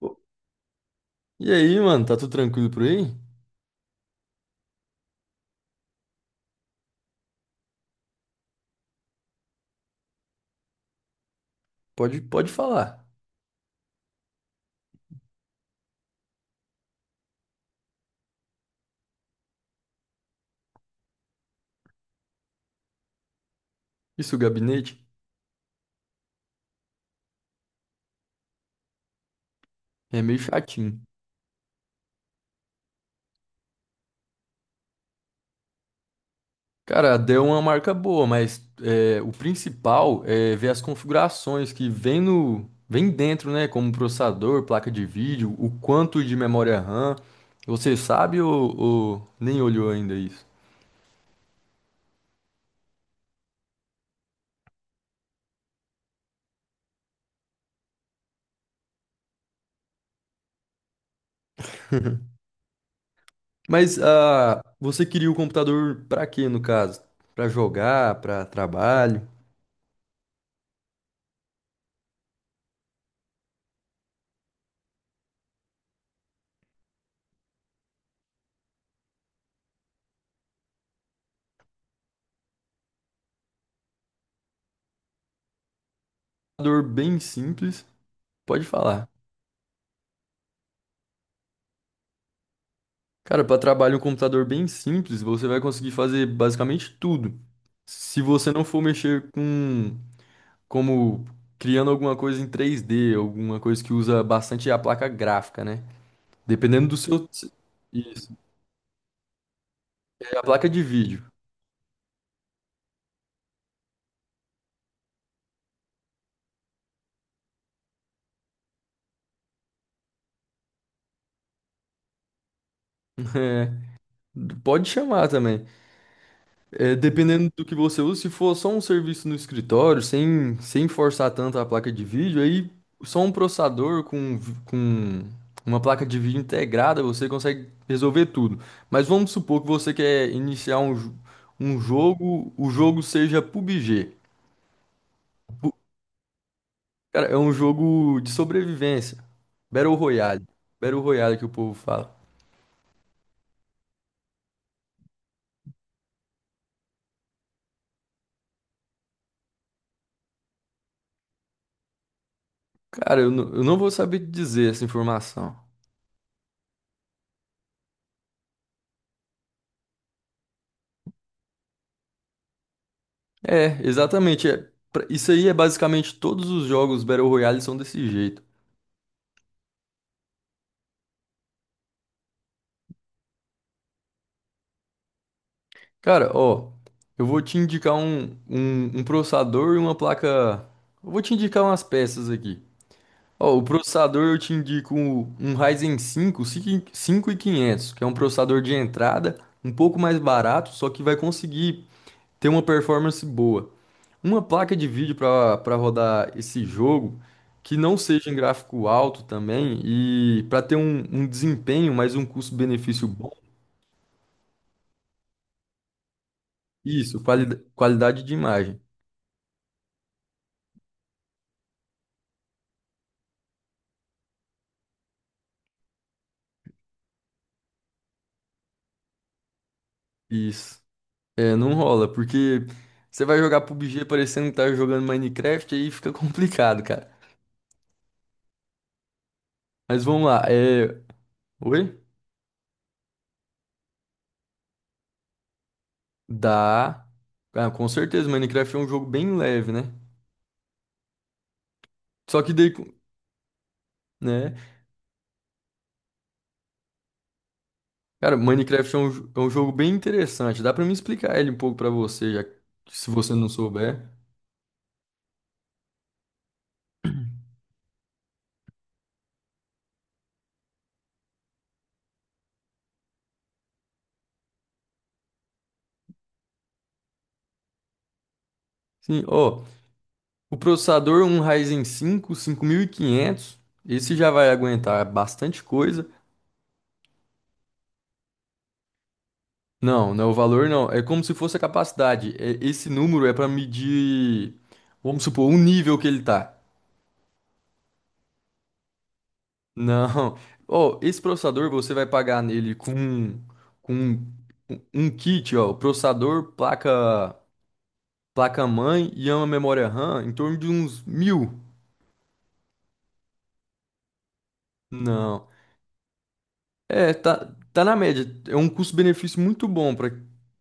Pô, e aí, mano, tá tudo tranquilo por aí? Pode falar. Isso, o gabinete é meio chatinho. Cara, a Dell é uma marca boa, mas é, o principal é ver as configurações que vem no, vem dentro, né? Como processador, placa de vídeo, o quanto de memória RAM. Você sabe ou nem olhou ainda isso? Mas você queria o computador pra quê, no caso? Pra jogar, pra trabalho? Computador bem simples, pode falar. Cara, para trabalhar um computador bem simples, você vai conseguir fazer basicamente tudo. Se você não for mexer com como criando alguma coisa em 3D alguma coisa que usa bastante a placa gráfica, né? Dependendo do seu. Isso. É a placa de vídeo. É, pode chamar também. É, dependendo do que você usa, se for só um serviço no escritório, sem forçar tanto a placa de vídeo, aí só um processador com uma placa de vídeo integrada você consegue resolver tudo. Mas vamos supor que você quer iniciar um jogo, o jogo seja PUBG. Pu- Cara, é um jogo de sobrevivência. Battle Royale. Battle Royale que o povo fala. Cara, eu não vou saber te dizer essa informação. É, exatamente. É. Isso aí é basicamente todos os jogos Battle Royale são desse jeito. Cara, ó, eu vou te indicar um processador e uma placa. Eu vou te indicar umas peças aqui. Ó, o processador eu te indico um Ryzen cinco, cinco mil e quinhentos, que é um processador de entrada, um pouco mais barato, só que vai conseguir ter uma performance boa. Uma placa de vídeo para rodar esse jogo que não seja em gráfico alto também e para ter um desempenho, mas um custo-benefício bom. Isso, qualidade de imagem. Isso. É, não rola, porque você vai jogar PUBG parecendo que tá jogando Minecraft, aí fica complicado, cara. Mas vamos lá. É. Oi? Dá. Ah, com certeza, Minecraft é um jogo bem leve, né? Só que daí, né? Cara, Minecraft é um jogo bem interessante. Dá pra me explicar ele um pouco pra você, se você não souber. Sim, ó, o processador um Ryzen cinco, 5500. Esse já vai aguentar bastante coisa. Não, não é o valor não, é como se fosse a capacidade. Esse número é pra medir, vamos supor, o nível que ele tá. Não. Ó, esse processador você vai pagar nele com um kit, ó, processador, placa-mãe e uma memória RAM em torno de uns mil. Não. É, tá na média. É um custo-benefício muito bom para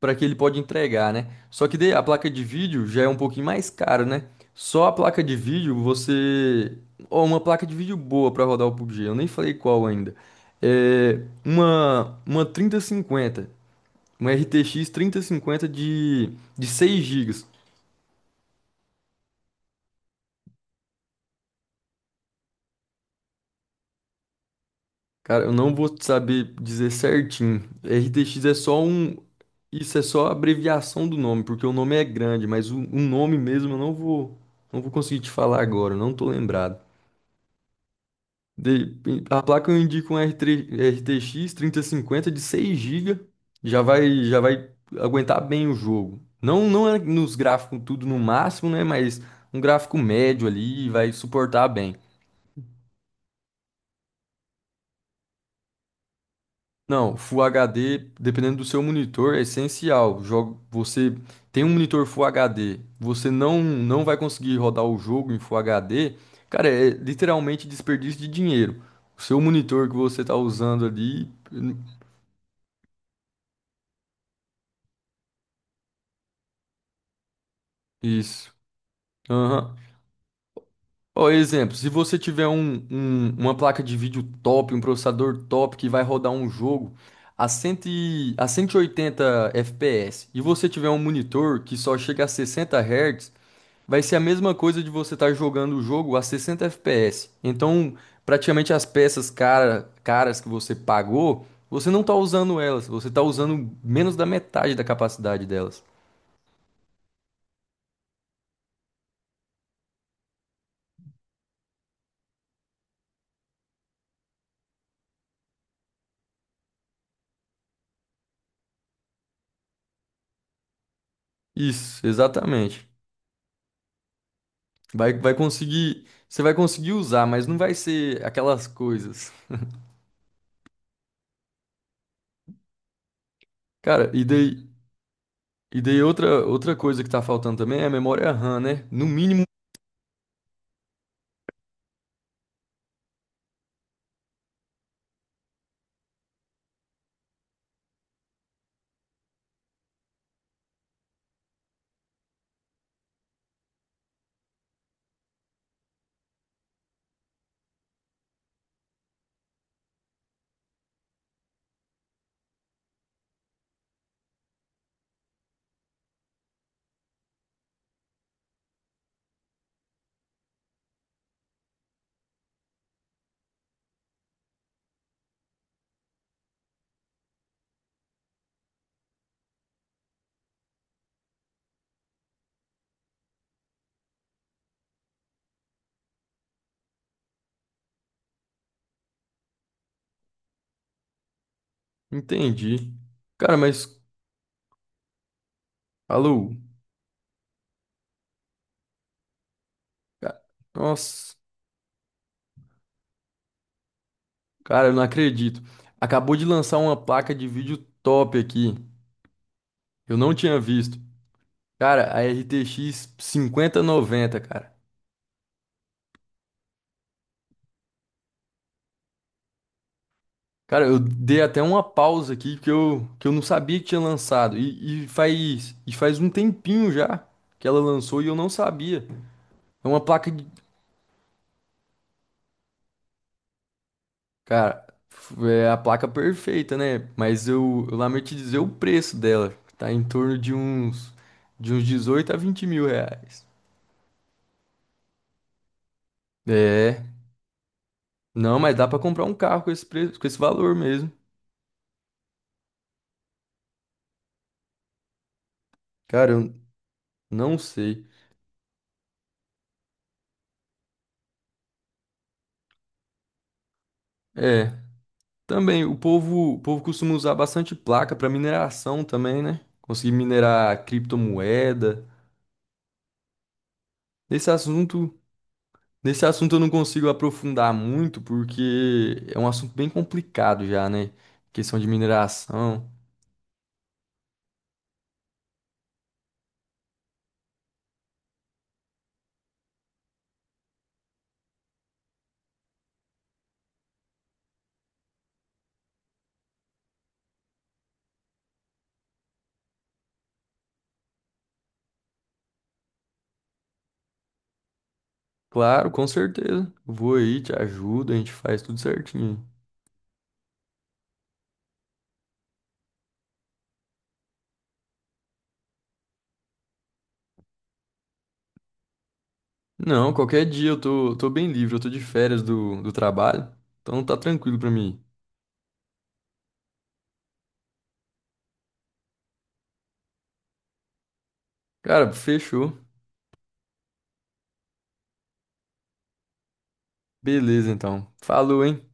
para que ele pode entregar, né? Só que daí a placa de vídeo já é um pouquinho mais caro, né? Só a placa de vídeo você. Ó, uma placa de vídeo boa para rodar o PUBG, eu nem falei qual ainda. É uma 3050, uma RTX cinquenta de 6 gigas. Cara, eu não vou saber dizer certinho. RTX é só um. Isso é só a abreviação do nome, porque o nome é grande, mas o nome mesmo eu não vou conseguir te falar agora, eu não tô lembrado. De- a placa eu indico um R3 RTX 3050 de 6 GB, já vai aguentar bem o jogo. Não, não é nos gráficos tudo no máximo, né? Mas um gráfico médio ali vai suportar bem. Não, Full HD, dependendo do seu monitor, é essencial. Jogo, você tem um monitor Full HD, você não vai conseguir rodar o jogo em Full HD, cara, é literalmente desperdício de dinheiro. O seu monitor que você está usando ali, isso. Aham. Ó, exemplo, se você tiver uma placa de vídeo top, um processador top que vai rodar um jogo a 100, a 180 FPS e você tiver um monitor que só chega a 60 Hz. Vai ser a mesma coisa de você estar jogando o jogo a 60 FPS. Então, praticamente as peças caras que você pagou, você não está usando elas, você está usando menos da metade da capacidade delas. Isso, exatamente. Você vai conseguir usar, mas não vai ser aquelas coisas. Cara, e daí outra coisa que tá faltando também é a memória RAM, né? No mínimo, entendi. Cara, mas, alô. Ca- Nossa. Cara, eu não acredito. Acabou de lançar uma placa de vídeo top aqui. Eu não tinha visto. Cara, a RTX 5090, cara. Cara, eu dei até uma pausa aqui que eu não sabia que tinha lançado. E faz um tempinho já que ela lançou e eu não sabia. É uma placa de. Cara, é a placa perfeita, né? Mas eu lamento te dizer o preço dela. Tá em torno de uns 18 a 20 mil reais. É. Não, mas dá pra comprar um carro com esse preço, com esse valor mesmo. Cara, eu não sei. É, também o povo costuma usar bastante placa pra mineração também, né? Conseguir minerar criptomoeda. Nesse assunto, nesse assunto eu não consigo aprofundar muito porque é um assunto bem complicado já, né? Questão de mineração. Claro, com certeza. Vou aí, te ajudo, a gente faz tudo certinho. Não, qualquer dia eu tô bem livre, eu tô de férias do trabalho, então tá tranquilo pra mim. Cara, fechou. Beleza, então. Falou, hein?